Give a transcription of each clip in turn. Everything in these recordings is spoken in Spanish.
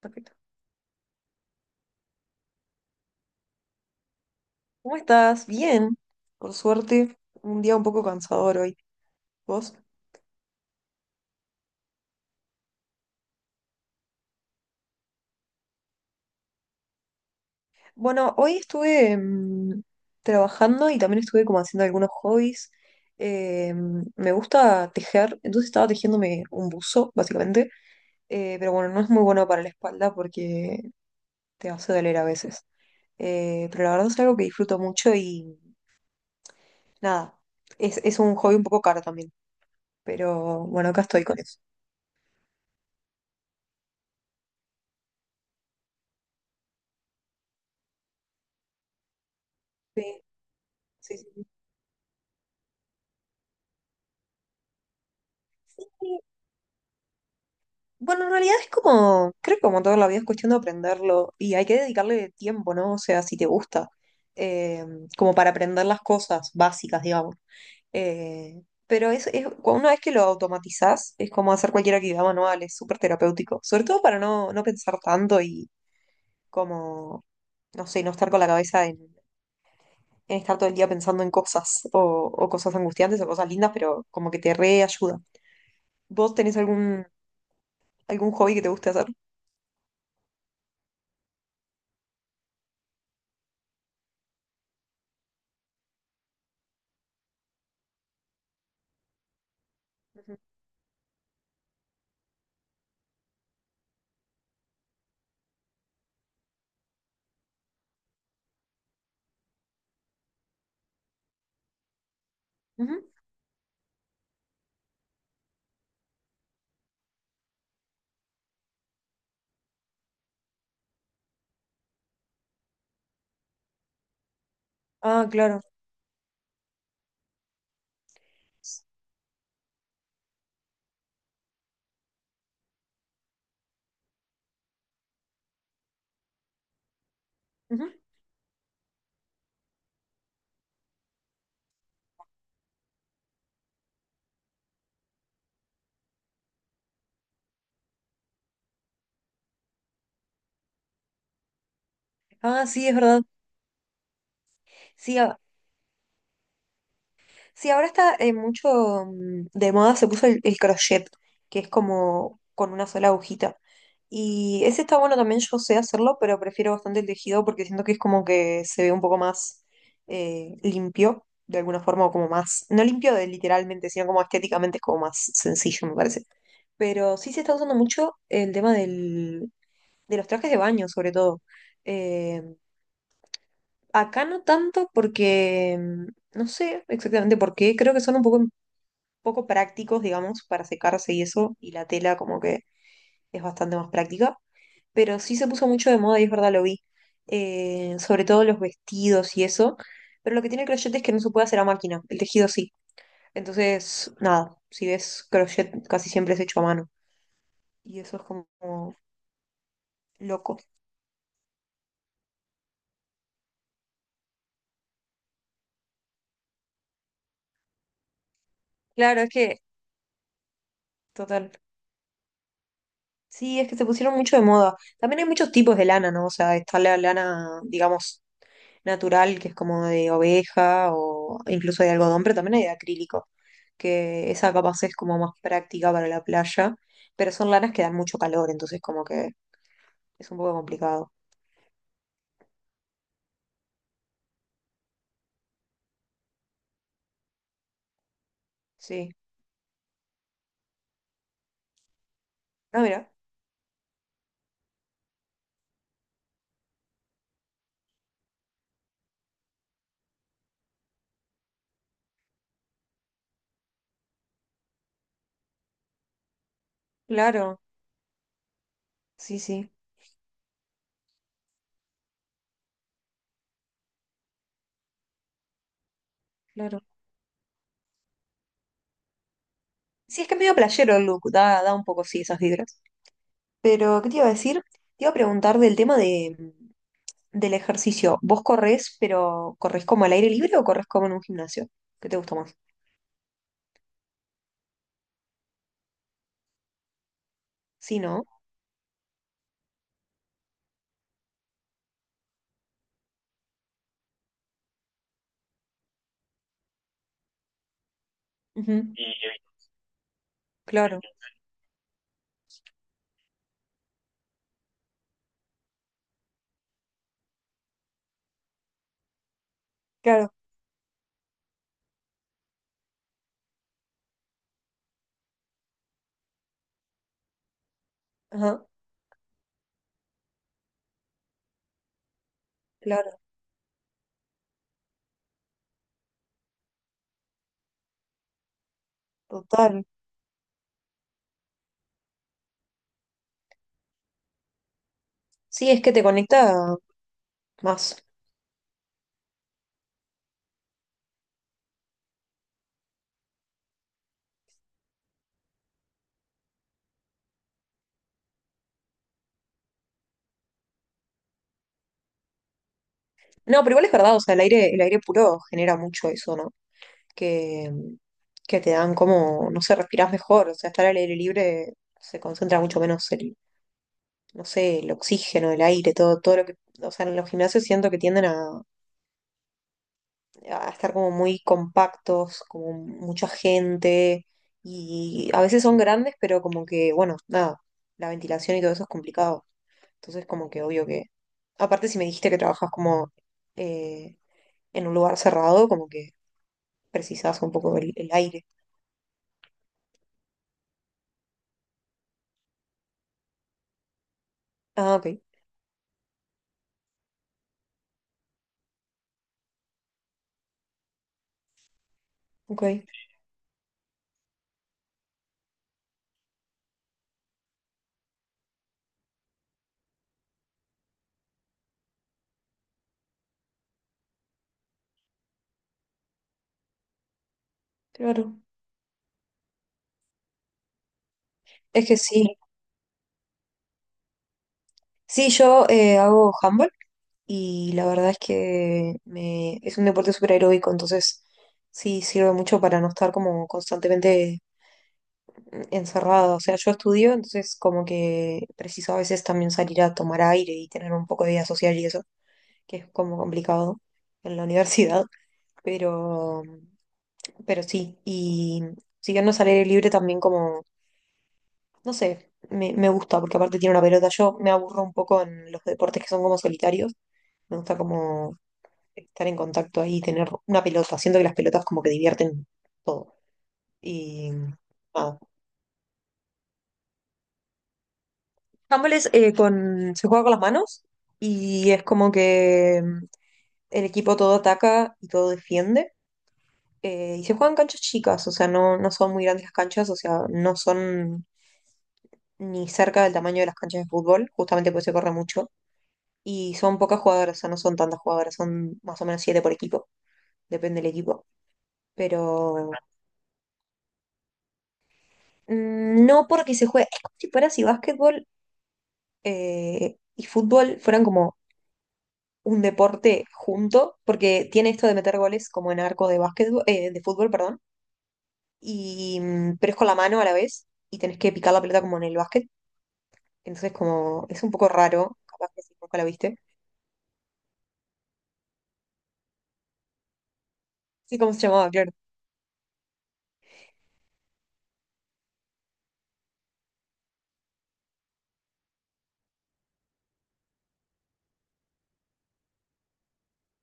Perfecto. ¿Cómo estás? Bien, por suerte. Un día un poco cansador hoy. ¿Vos? Bueno, hoy estuve trabajando y también estuve como haciendo algunos hobbies. Eh, Me gusta tejer, entonces estaba tejiéndome un buzo, básicamente. Pero bueno, no es muy bueno para la espalda porque te hace doler a veces. Pero la verdad es algo que disfruto mucho y nada, es un hobby un poco caro también. Pero bueno, acá estoy con eso. Sí, sí, sí. Sí. Bueno, en realidad es como, creo que como toda la vida es cuestión de aprenderlo y hay que dedicarle tiempo, ¿no? O sea, si te gusta, eh, como para aprender las cosas básicas, digamos. Pero una vez que lo automatizás, es como hacer cualquier actividad manual, es súper terapéutico, sobre todo para no pensar tanto y como, no sé, no estar con la cabeza en estar todo el día pensando en cosas o cosas angustiantes o cosas lindas, pero como que te reayuda. ¿Vos tenés algún, algún hobby que te guste hacer? Ujú. Ah, claro. Ujú. Ah, sí, es verdad. Sí, a- sí, ahora está mucho de moda, se puso el crochet, que es como con una sola agujita. Y ese está bueno también, yo sé hacerlo, pero prefiero bastante el tejido porque siento que es como que se ve un poco más limpio, de alguna forma, o como más, no limpio de literalmente, sino como estéticamente es como más sencillo, me parece. Pero sí se está usando mucho el tema del, de los trajes de baño, sobre todo. Eh, Acá no tanto porque no sé exactamente por qué, creo que son un poco, poco prácticos, digamos, para secarse y eso, y la tela como que es bastante más práctica, pero sí se puso mucho de moda y es verdad, lo vi, sobre todo los vestidos y eso, pero lo que tiene el crochet es que no se puede hacer a máquina, el tejido sí, entonces nada, si ves crochet casi siempre es hecho a mano y eso es como loco. Claro, es que, total. Sí, es que se pusieron mucho de moda. También hay muchos tipos de lana, ¿no? O sea, está la lana, digamos, natural, que es como de oveja o incluso de algodón, pero también hay de acrílico, que esa capaz es como más práctica para la playa, pero son lanas que dan mucho calor, entonces como que es un poco complicado. Sí. Ah, mira, claro, sí, sí, claro. Sí, es que es medio playero el look, da, da un poco, sí, esas vibras. Pero, ¿qué te iba a decir? Te iba a preguntar del tema de, del ejercicio, ¿vos corres, pero corres como al aire libre o corres como en un gimnasio? ¿Qué te gusta más? Sí, ¿no? Ujú, claro, claro, ajá, claro, total. Sí, es que te conecta más. No, pero igual es verdad, o sea, el aire puro genera mucho eso, ¿no? Que, que te dan como, no sé, respirás mejor, o sea, estar al aire libre se concentra mucho menos el, no sé, el oxígeno, el aire, todo, todo lo que, o sea, en los gimnasios siento que tienden a estar como muy compactos, como mucha gente, y a veces son grandes, pero como que, bueno, nada, la ventilación y todo eso es complicado. Entonces, como que obvio que, aparte si me dijiste que trabajas como eh, en un lugar cerrado, como que precisas un poco el aire. Ah, ok, ok, claro. Es que sí, sí, yo hago handball y la verdad es que me, es un deporte súper aeróbico, entonces sí sirve mucho para no estar como constantemente encerrada. O sea, yo estudio, entonces como que preciso a veces también salir a tomar aire y tener un poco de vida social y eso, que es como complicado en la universidad. Pero, pero sí, y siguiendo al aire libre también como, no sé, me gusta porque aparte tiene una pelota. Yo me aburro un poco en los deportes que son como solitarios. Me gusta como estar en contacto ahí tener una pelota. Siento que las pelotas como que divierten todo. Y nada, handball es, con, se juega con las manos y es como que el equipo todo ataca y todo defiende. Y se juegan canchas chicas, o sea, no son muy grandes las canchas, o sea, no son ni cerca del tamaño de las canchas de fútbol, justamente porque se corre mucho. Y son pocas jugadoras, o sea, no son tantas jugadoras, son más o menos siete por equipo, depende del equipo. Pero no porque se juegue, es como si fuera si básquetbol y fútbol fueran como un deporte junto, porque tiene esto de meter goles como en arco de básquetbol, de fútbol, perdón, y, pero es con la mano a la vez y tenés que picar la pelota como en el básquet, entonces como es un poco raro, capaz que si nunca la viste. Sí, ¿cómo se llamaba? Claro.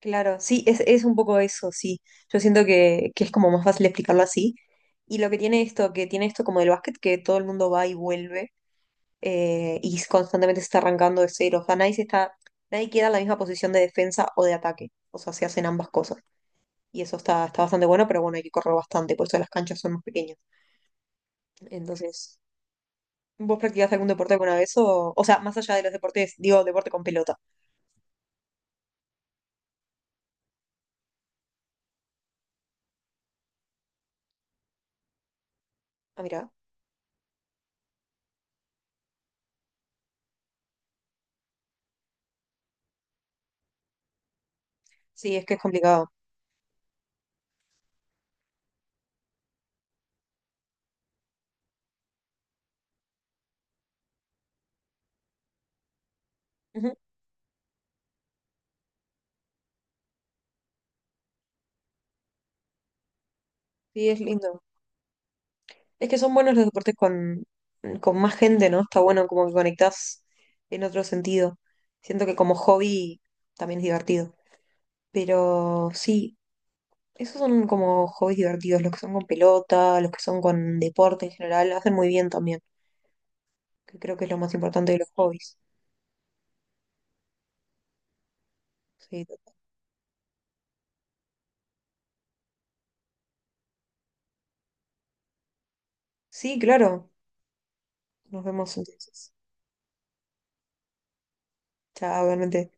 Claro, sí, es un poco eso, sí. Yo siento que es como más fácil explicarlo así. Y lo que tiene esto como del básquet, que todo el mundo va y vuelve y constantemente se está arrancando de cero. O sea, nadie se está, nadie queda en la misma posición de defensa o de ataque. O sea, se hacen ambas cosas. Y eso está, está bastante bueno, pero bueno, hay que correr bastante, por eso las canchas son más pequeñas. Entonces, ¿vos practicaste algún deporte alguna vez? O sea, más allá de los deportes, digo, deporte con pelota. Ah, mira, sí, es que es complicado. Ujú, sí, es lindo. Es que son buenos los deportes con más gente, ¿no? Está bueno como que conectás en otro sentido. Siento que como hobby también es divertido. Pero sí, esos son como hobbies divertidos, los que son con pelota, los que son con deporte en general, hacen muy bien también, que creo que es lo más importante de los hobbies. Sí, total. Sí, claro. Nos vemos entonces. Chao, buenas noches.